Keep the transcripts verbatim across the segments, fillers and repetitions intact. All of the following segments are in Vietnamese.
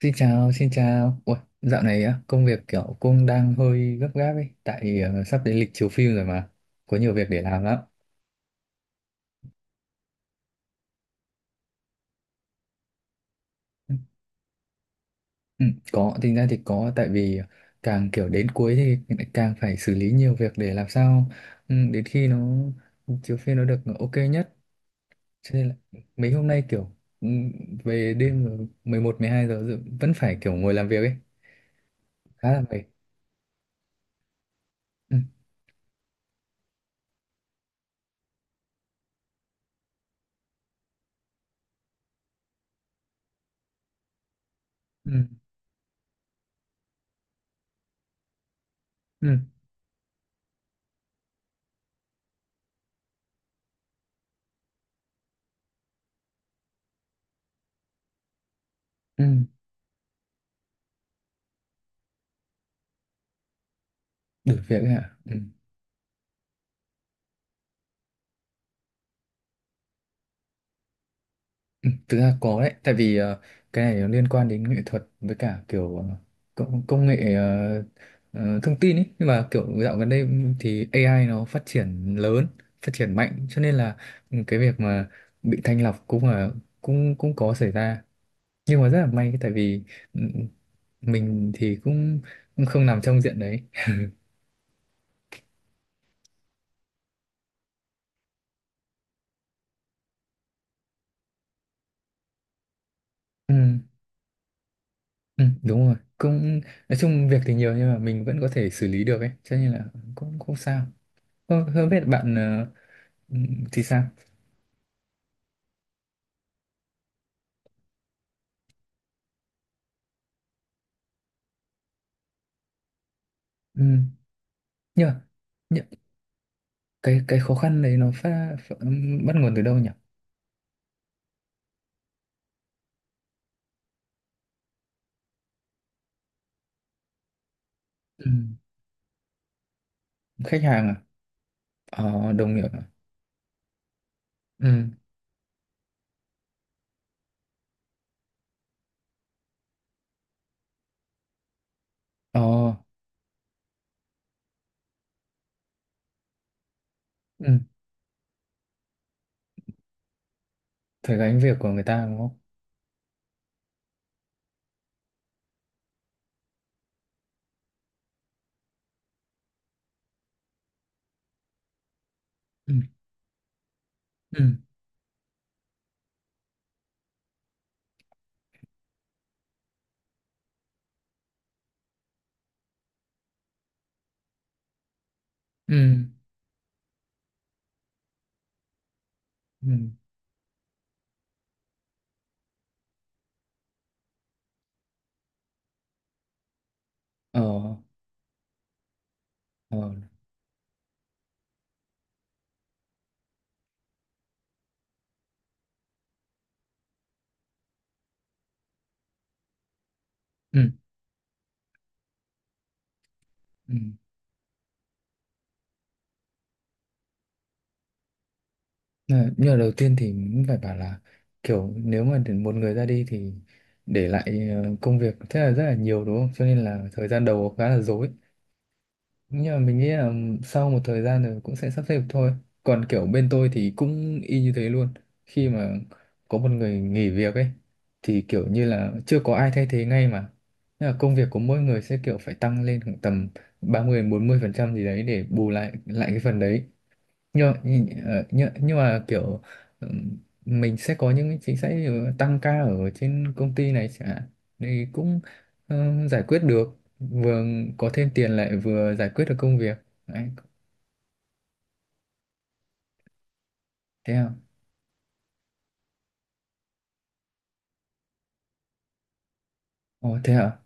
Xin chào, xin chào. Ủa, dạo này á, công việc kiểu cũng đang hơi gấp gáp ấy, tại ờ, sắp đến lịch chiếu phim rồi mà, có nhiều việc để làm lắm. Ừ, có, tính ra thì có, tại vì ờ, càng kiểu đến cuối thì lại càng phải xử lý nhiều việc để làm sao ừ, đến khi nó chiếu phim nó được ok nhất. Cho nên là mấy hôm nay kiểu ừ, về đêm rồi, mười một, mười hai giờ rồi vẫn phải kiểu ngồi làm việc ấy, khá là mệt. Ừ, ừ, ừ, ừ. Đủ việc ấy ạ. Ừ, thực ra có đấy, tại vì ờ, cái này nó liên quan đến nghệ thuật với cả kiểu ờ, công, công nghệ ờ, ờ, thông tin ấy. Nhưng mà kiểu dạo gần đây thì a i nó phát triển lớn, phát triển mạnh, cho nên là ừ, cái việc mà bị thanh lọc cũng là cũng cũng có xảy ra. Nhưng mà rất là may tại vì ừ, mình thì cũng, cũng không nằm trong diện đấy. Ừ, ừ, đúng rồi, cũng nói chung việc thì nhiều nhưng mà mình vẫn có thể xử lý được ấy, cho nên là cũng không sao. Không, không biết bạn ờ, ừ, thì sao ừ. nhưng mà nhưng, cái cái khó khăn đấy nó phát, phát bắt nguồn từ đâu nhỉ? Ừ. Khách hàng à? ờ, Đồng nghiệp à? Ừ. Ờ. Ừ. Phải gánh việc của người ta đúng không? Ừ. Ừ. Ừ. Ừ. Ờ. Ờ. Ừ. Ừ. Ờ, nhưng mà đầu tiên thì cũng phải bảo là kiểu nếu mà để một người ra đi thì để lại ờ, công việc thế là rất là nhiều đúng không, cho nên là thời gian đầu khá là rối. Nhưng mà mình nghĩ là sau một thời gian rồi cũng sẽ sắp xếp được thôi. Còn kiểu bên tôi thì cũng y như thế luôn, khi mà có một người nghỉ việc ấy thì kiểu như là chưa có ai thay thế ngay mà. Thế là công việc của mỗi người sẽ kiểu phải tăng lên khoảng tầm ba mươi đến bốn mươi phần trăm gì đấy để bù lại lại cái phần đấy. Nhưng mà- nhưng, ờ, nhưng nhưng mà kiểu ừm, mình sẽ có những cái chính sách, ví dụ tăng ca ở trên công ty này chẳng hạn, thì cũng ờ, giải quyết được, vừa có thêm tiền lại vừa giải quyết được công việc. Đấy, thế à? Ồ, thế à?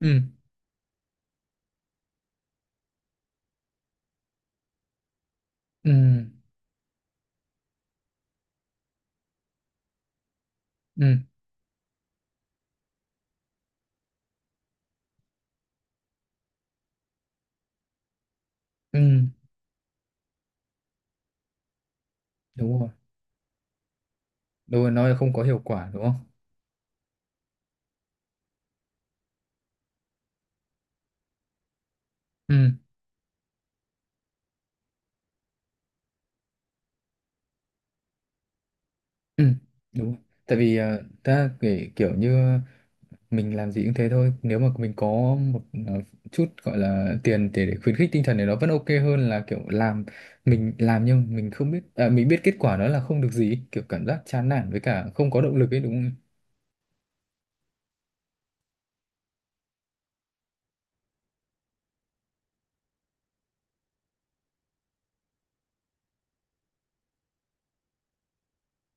Ừ. Ừ. Ừ. Ừ. Đúng rồi. Đúng rồi. Nói không có hiệu quả đúng không? Ừ. Ừ. Đúng rồi. Tại vì ờ, ta kể kiểu như mình làm gì cũng thế thôi, nếu mà mình có một ờ, chút gọi là tiền để, để khuyến khích tinh thần thì nó vẫn ok hơn là kiểu làm, mình làm nhưng mình không biết à, mình biết kết quả đó là không được gì, kiểu cảm giác chán nản với cả không có động lực ấy, đúng không?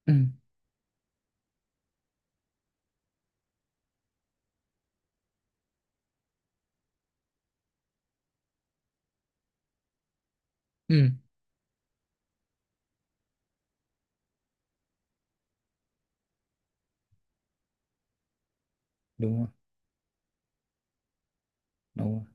Ừ, ừ. Đúng rồi. Đúng rồi.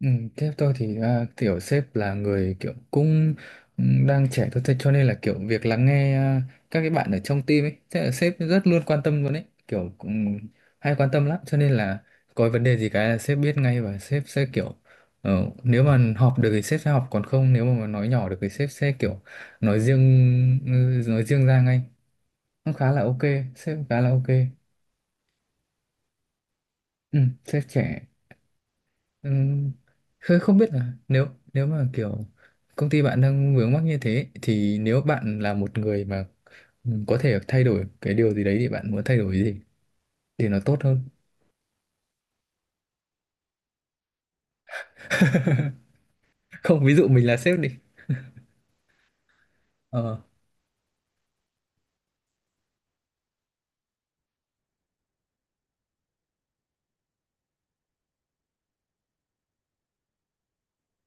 Ừ, sếp tôi thì à, kiểu sếp là người kiểu cũng ừ, đang trẻ thôi, thế cho nên là kiểu việc lắng nghe à, các cái bạn ở trong team ấy, thế là sếp rất luôn quan tâm luôn ấy, kiểu cũng hay quan tâm lắm. Cho nên là có vấn đề gì cái là sếp biết ngay, và sếp sẽ kiểu ờ, nếu mà họp được thì sếp sẽ họp, còn không nếu mà nói nhỏ được thì sếp sẽ kiểu nói riêng ừ, nói riêng ra ngay, cũng khá là ok. Sếp khá là ok. Ừ, sếp trẻ. Ừm, Khơi không biết là nếu nếu mà kiểu công ty bạn đang vướng mắc như thế, thì nếu bạn là một người mà ừm, có thể thay đổi cái điều gì đấy thì bạn muốn thay đổi cái gì để nó tốt hơn. Không, ví dụ mình là sếp đi. Ờ.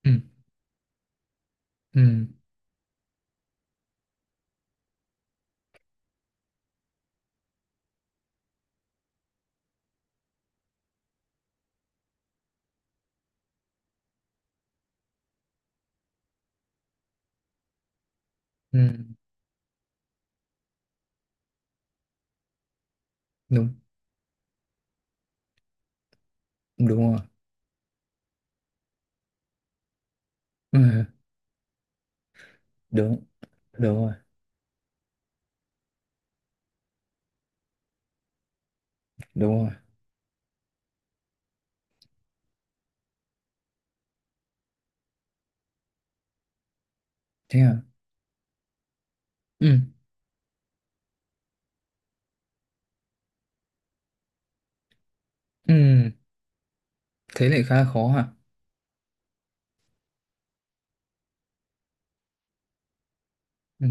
Ừ. Ừ. Ừ. Đúng. Đúng rồi. Ừ. Đúng. Đúng rồi. Đúng rồi. Thế à? Ừ. Ừ. Thế lại khá khó hả? Ừ.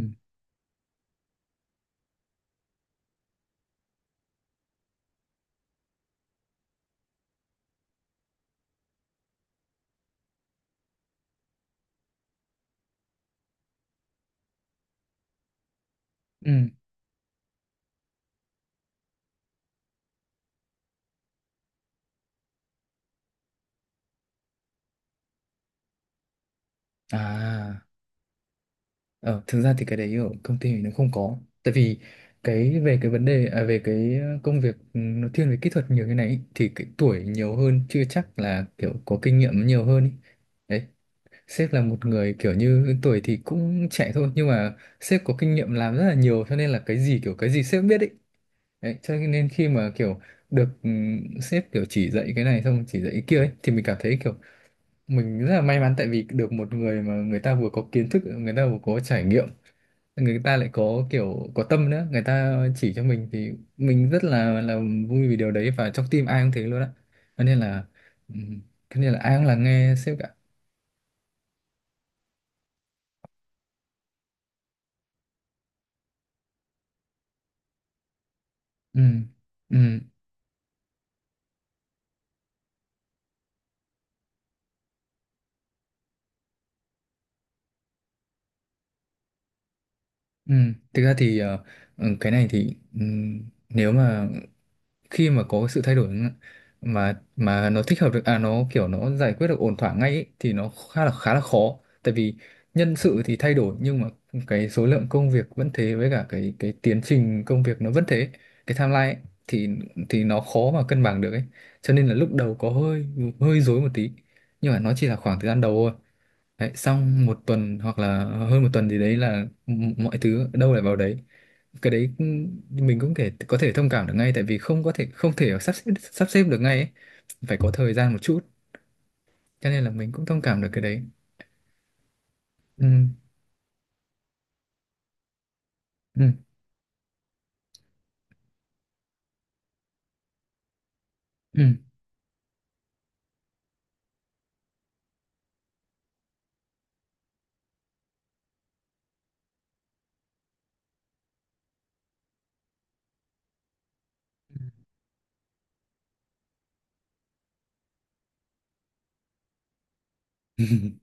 Ừ. À. Ờ, thực ra thì cái đấy ở công ty mình nó không có, tại vì cái về cái vấn đề à, về cái công việc ừ, nó thiên về kỹ thuật nhiều như này ý, thì cái tuổi nhiều hơn chưa chắc là kiểu có kinh nghiệm nhiều hơn ý. Đấy, sếp là một người kiểu như tuổi thì cũng trẻ thôi, nhưng mà sếp có kinh nghiệm làm rất là nhiều, cho nên là cái gì kiểu cái gì sếp biết ấy. Đấy cho nên khi mà kiểu được ừ, sếp kiểu chỉ dạy cái này xong chỉ dạy cái kia ấy, thì mình cảm thấy kiểu mình rất là may mắn, tại vì được một người mà người ta vừa có kiến thức, người ta vừa có trải nghiệm, người ta lại có kiểu có tâm nữa, người ta chỉ cho mình thì mình rất là là vui vì điều đấy, và trong team ai cũng thế luôn á, cho nên là ừ, cho nên là ai cũng là nghe sếp cả. Ừ, ừ, ừ. Thực ra thì ờ, ừ, cái này thì ừ, nếu mà khi mà có sự thay đổi mà mà nó thích hợp được à, nó kiểu nó giải quyết được ổn thỏa ngay ý, thì nó khá là khá là khó, tại vì nhân sự thì thay đổi nhưng mà cái số lượng công việc vẫn thế, với cả cái cái tiến trình công việc nó vẫn thế, cái timeline ấy, thì thì nó khó mà cân bằng được ấy. Cho nên là lúc đầu có hơi hơi rối một tí, nhưng mà nó chỉ là khoảng thời gian đầu thôi đấy, xong một tuần hoặc là hơn một tuần gì đấy là m- mọi thứ đâu lại vào đấy. Cái đấy mình cũng thể có thể thông cảm được ngay, tại vì không có thể không thể sắp xếp sắp xếp được ngay ấy. Phải có thời gian một chút, cho nên là mình cũng thông cảm được cái đấy. Ừ. Ừ. Ừ.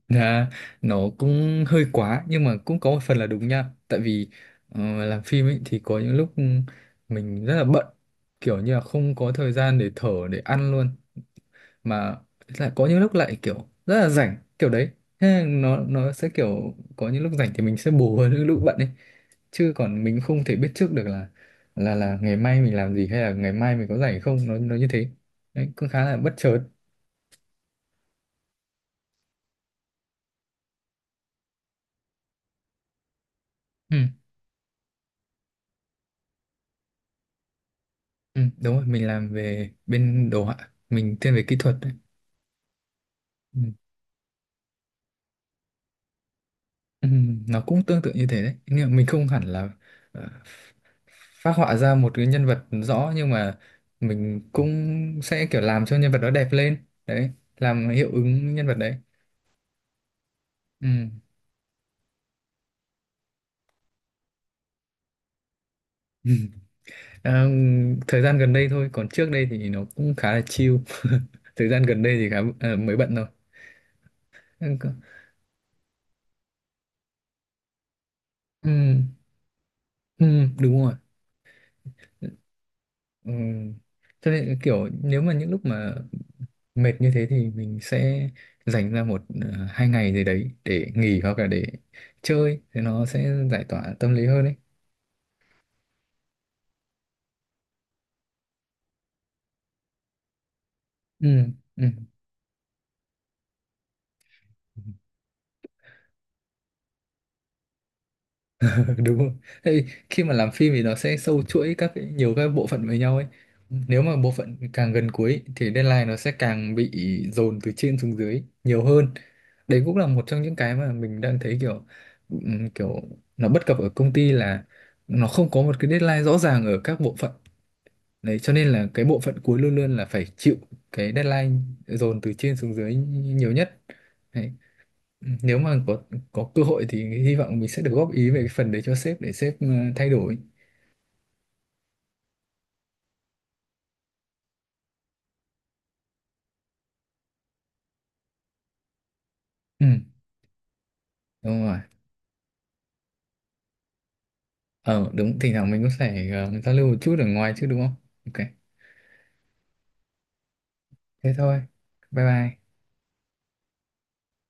Dạ, nó cũng hơi quá nhưng mà cũng có một phần là đúng nha, tại vì ờ, làm phim ấy thì có những lúc mình rất là bận, kiểu như là không có thời gian để thở để ăn luôn, mà lại có những lúc lại kiểu rất là rảnh kiểu đấy. Thế là nó nó sẽ kiểu có những lúc rảnh thì mình sẽ bù hơn những lúc bận ấy, chứ còn mình không thể biết trước được là là là ngày mai mình làm gì hay là ngày mai mình có rảnh không, nó nó như thế đấy, cũng khá là bất chợt. Ừ, ừ, đúng rồi, mình làm về bên đồ họa, mình thiên về kỹ thuật đấy. Ừ. Ừm, nó cũng tương tự như thế đấy nhưng mà mình không hẳn là ờ, phác họa ra một cái nhân vật rõ, nhưng mà mình cũng sẽ kiểu làm cho nhân vật đó đẹp lên đấy, làm hiệu ứng nhân vật đấy. Ừm. Ờ, thời gian gần đây thôi, còn trước đây thì nó cũng khá là chill. Thời gian gần đây thì khá ờ, mới bận thôi. Ừm, ừm, đúng rồi. Ừm. Cho nên kiểu nếu mà những lúc mà mệt như thế thì mình sẽ dành ra một ờ, hai ngày gì đấy để nghỉ hoặc là để chơi thì nó sẽ giải tỏa tâm lý hơn ấy. Ừ. Ừ. Đúng rồi. Tại vì khi mà làm phim thì nó sẽ sâu chuỗi các cái, nhiều các bộ phận với nhau ấy, nếu mà bộ phận càng gần cuối thì deadline nó sẽ càng bị dồn từ trên xuống dưới nhiều hơn. Đấy cũng là một trong những cái mà mình đang thấy kiểu ừm, kiểu nó bất cập ở công ty, là nó không có một cái deadline rõ ràng ở các bộ phận. Đấy, cho nên là cái bộ phận cuối luôn luôn là phải chịu cái deadline dồn từ trên xuống dưới nhiều nhất. Đấy. Nếu mà có có cơ hội thì hy vọng mình sẽ được góp ý về cái phần đấy cho sếp để sếp ờ, thay đổi. Ừ, đúng rồi. Ờ, đúng, thỉnh thoảng mình cũng phải ờ, giao lưu một chút ở ngoài chứ đúng không? Ok, thế thôi. Bye bye.